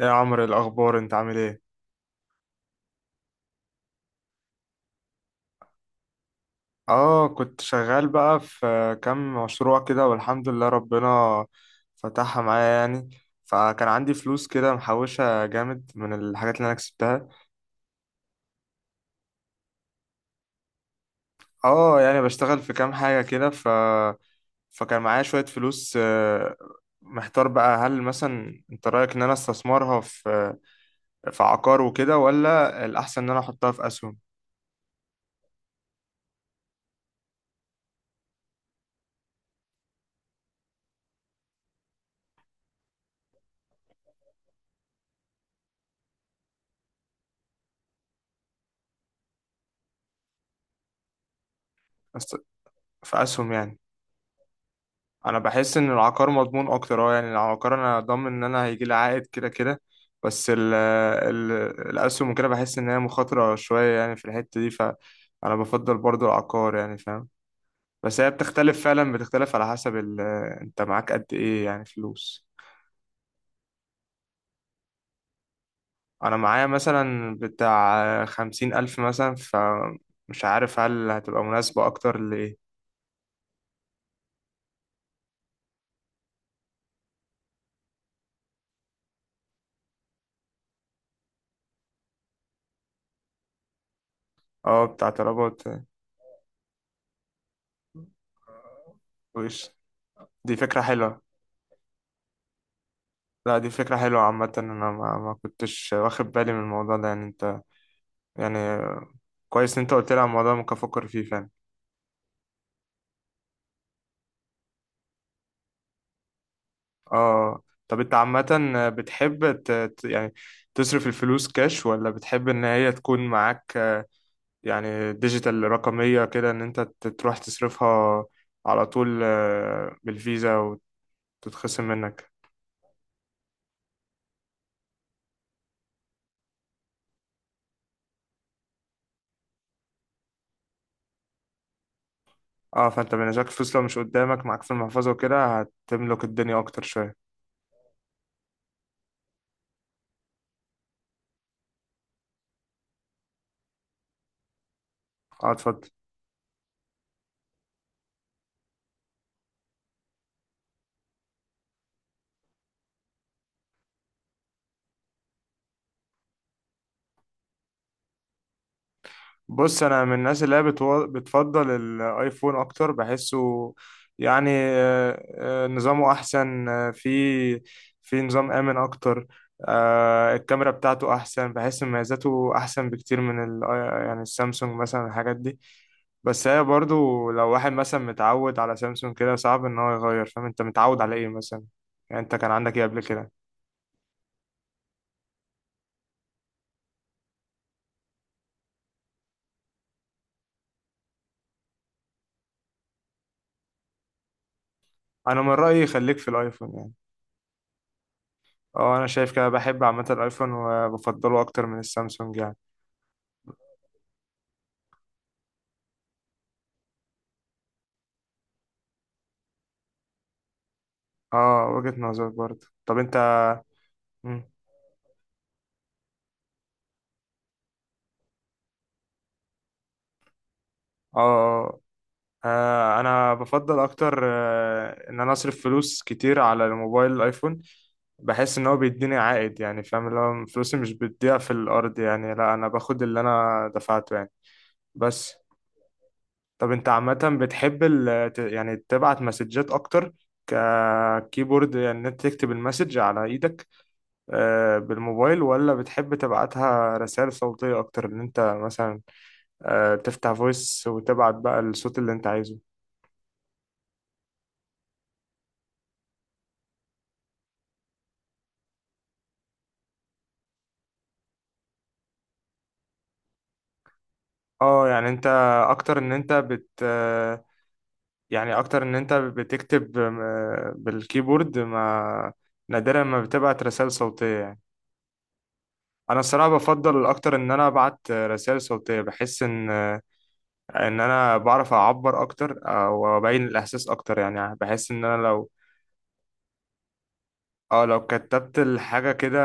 إيه يا عمرو، إيه الأخبار؟ أنت عامل إيه؟ آه، كنت شغال بقى في كام مشروع كده، والحمد لله ربنا فتحها معايا يعني. فكان عندي فلوس كده محوشة جامد من الحاجات اللي أنا كسبتها. آه، يعني بشتغل في كام حاجة كده فكان معايا شوية فلوس. محتار بقى، هل مثلا أنت رأيك إن أنا استثمرها في عقار وكده، ولا الأحسن إن أنا أحطها في أسهم؟ أست- في أسهم يعني. انا بحس ان العقار مضمون اكتر، اه يعني العقار انا ضامن ان انا هيجي لي عائد كده كده. بس ال الاسهم وكده بحس ان هي مخاطره شويه يعني في الحته دي، فانا بفضل برضو العقار يعني، فاهم. بس هي بتختلف فعلا، بتختلف على حسب ال... انت معاك قد ايه يعني فلوس؟ انا معايا مثلا بتاع 50,000 مثلا، فمش عارف هل هتبقى مناسبه اكتر لايه. اه بتاع طلبات. وش. دي فكره حلوه. لا دي فكرة حلوة عامة. أنا ما كنتش واخد بالي من الموضوع ده يعني، أنت يعني. كويس إن أنت قلت لي على الموضوع، ممكن أفكر فيه فعلا. آه. طب أنت عامة بتحب يعني تصرف الفلوس كاش، ولا بتحب إن هي تكون معاك، يعني ديجيتال رقمية كده، إن أنت تروح تصرفها على طول بالفيزا وتتخصم منك؟ آه، فأنت بالنسبة لك الفلوس لو مش قدامك معاك في المحفظة وكده هتملك الدنيا أكتر شوية. آه، اتفضل. بص انا من الناس اللي هي بتفضل الايفون اكتر بحسه يعني. نظامه احسن، في نظام امن اكتر. الكاميرا بتاعته احسن، بحس مميزاته احسن بكتير من ال... آه، يعني السامسونج مثلا، الحاجات دي. بس هي برضو لو واحد مثلا متعود على سامسونج كده صعب ان هو يغير، فاهم؟ انت متعود على ايه مثلا؟ يعني انت كان عندك ايه قبل كده؟ انا من رأيي خليك في الايفون يعني. اه انا شايف كده، بحب عامة الايفون وبفضله اكتر من السامسونج يعني. اه وجهة نظر برضه. طب انت مم. اه، اه. انا بفضل اكتر ان انا اصرف فلوس كتير على الموبايل الايفون، بحس ان هو بيديني عائد يعني، فاهم اللي هو فلوسي مش بتضيع في الارض يعني، لا انا باخد اللي انا دفعته يعني. بس طب انت عامة بتحب يعني تبعت مسجات اكتر ككيبورد، يعني ان انت تكتب المسج على ايدك بالموبايل، ولا بتحب تبعتها رسائل صوتية اكتر، ان انت مثلا تفتح فويس وتبعت بقى الصوت اللي انت عايزه؟ اه يعني انت اكتر ان انت بت آه، يعني اكتر ان انت بتكتب بالكيبورد، ما نادرا ما بتبعت رسائل صوتية يعني. انا الصراحة بفضل اكتر ان انا ابعت رسائل صوتية، بحس ان ان انا بعرف اعبر اكتر او ابين الاحساس اكتر يعني، بحس ان انا لو، اه لو كتبت الحاجة كده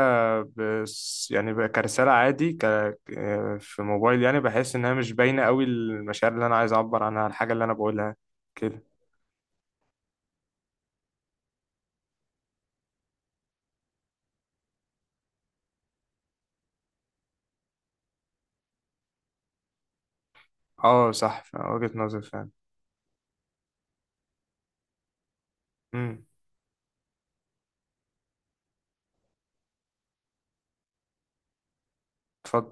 بس يعني بقى كرسالة عادي ك... آه، في موبايل يعني، بحس انها مش باينة قوي المشاعر اللي انا عايز اعبر عنها، الحاجة اللي انا بقولها كده. اه صح، وجهة نظر فعلا. امم. اتفضل.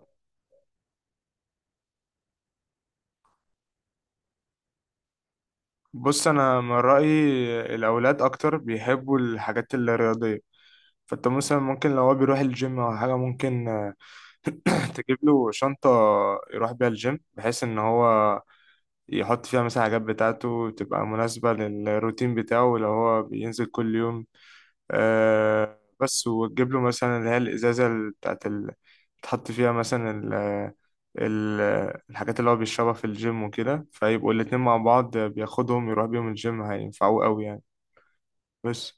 بص انا من رأيي الاولاد اكتر بيحبوا الحاجات الرياضية، فانت مثلا ممكن لو هو بيروح الجيم او حاجة ممكن تجيب له شنطة يروح بيها الجيم، بحيث ان هو يحط فيها مثلا حاجات بتاعته تبقى مناسبة للروتين بتاعه لو هو بينزل كل يوم. آه بس، وتجيب له مثلا اللي هي الإزازة بتاعت ال... تحط فيها مثلا ال... الحاجات اللي هو بيشربها في الجيم وكده، فيبقوا الاتنين مع بعض بياخدهم يروح بيهم الجيم هينفعوه قوي يعني. بس.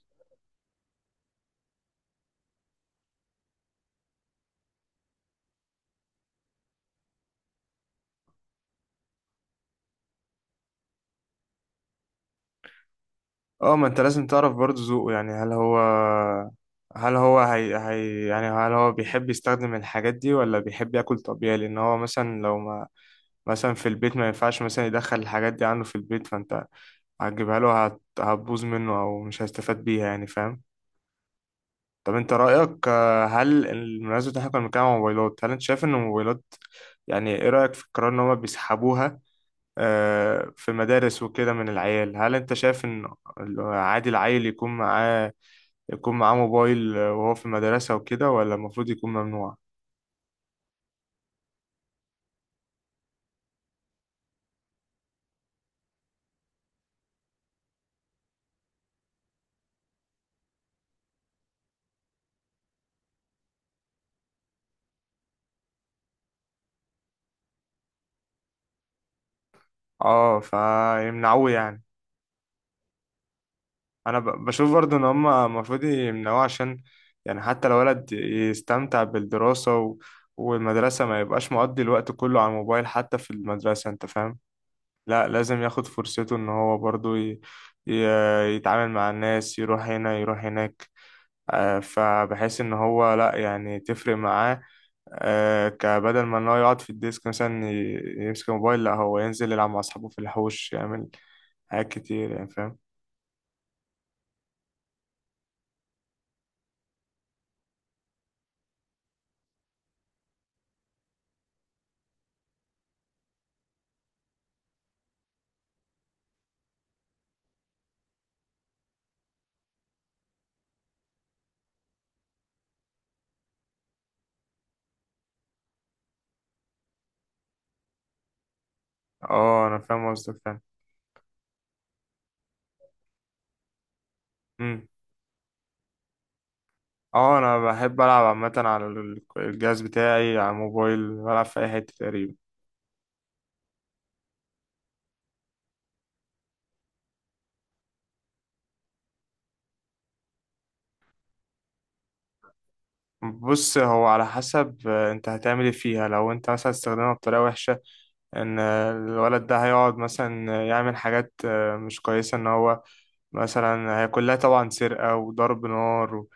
اه، ما انت لازم تعرف برضه ذوقه، يعني هل هو يعني هل هو بيحب يستخدم الحاجات دي، ولا بيحب ياكل طبيعي؟ لان هو مثلا لو، ما مثلا في البيت ما ينفعش مثلا يدخل الحاجات دي عنه في البيت، فانت هتجيبها له، هتبوظ منه او مش هيستفاد بيها يعني، فاهم؟ طب انت رأيك هل المناسبة، احنا كنا بنتكلم عن الموبايلات، هل انت شايف ان الموبايلات يعني، ايه رأيك في القرار ان هما بيسحبوها في مدارس وكده من العيال؟ هل انت شايف ان عادي العيل يكون معاه موبايل وهو في المدرسة وكده، ولا المفروض يكون ممنوع؟ اه، فيمنعوه يعني. انا بشوف برضو ان هم المفروض يمنعوه، عشان يعني حتى لو ولد يستمتع بالدراسة والمدرسة، ما يبقاش مقضي الوقت كله على الموبايل حتى في المدرسة، انت فاهم؟ لا لازم ياخد فرصته ان هو برضو ي... يتعامل مع الناس، يروح هنا يروح هناك، فبحيث ان هو لا يعني تفرق معاه، كبدل ما ان هو يقعد في الديسك مثلا يمسك الموبايل، لا هو ينزل يلعب مع اصحابه في الحوش، يعمل حاجات كتير يعني، فاهم؟ اه انا فاهم قصدك، فاهم. مم. اه، انا بحب العب عامه على الجهاز بتاعي، على الموبايل بلعب في اي حته تقريبا. بص هو على حسب، انت هتعمل ايه فيها؟ لو انت مثلا استخدمها بطريقه وحشه، ان الولد ده هيقعد مثلا يعمل حاجات مش كويسه، ان هو مثلا، هي كلها طبعا سرقه وضرب نار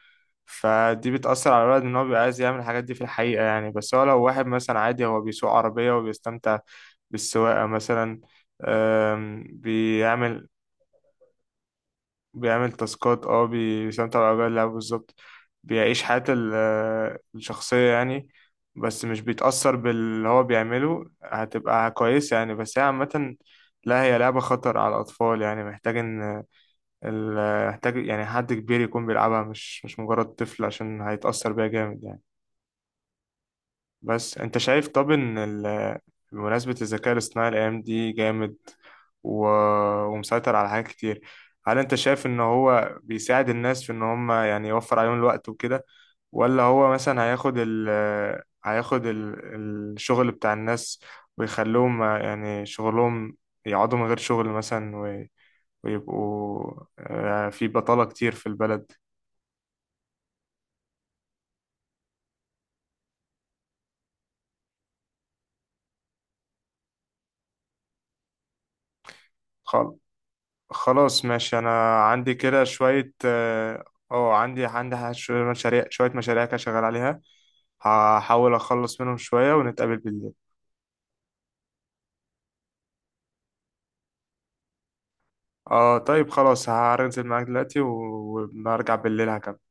فدي بتأثر على الولد، ان هو بيبقى عايز يعمل الحاجات دي في الحقيقه يعني. بس هو لو واحد مثلا عادي هو بيسوق عربيه وبيستمتع بالسواقه مثلا، آم، بيعمل بيعمل تاسكات، اه بيستمتع بأجواء اللعب بالظبط، بيعيش حياة الشخصية يعني، بس مش بيتأثر باللي هو بيعمله، هتبقى كويسة يعني. بس هي عامة لا، هي لعبة خطر على الأطفال يعني، محتاج إن محتاج يعني حد كبير يكون بيلعبها، مش مجرد طفل، عشان هيتأثر بيها جامد يعني. بس انت شايف، طب ان بمناسبة الذكاء الاصطناعي الايام دي جامد و... ومسيطر على حاجات كتير، هل انت شايف ان هو بيساعد الناس في ان هم يعني يوفر عليهم الوقت وكده، ولا هو مثلا هياخد ال... الشغل بتاع الناس ويخلوهم يعني شغلهم يقعدوا من غير شغل مثلا ويبقوا في بطالة كتير في البلد؟ خالص. خلاص ماشي، انا عندي كده شوية اه. عندي شوية مشاريع كده شغال عليها، هحاول اخلص منهم شوية ونتقابل بالليل. اه طيب خلاص هنزل معاك دلوقتي وما ارجع بالليل هكمل.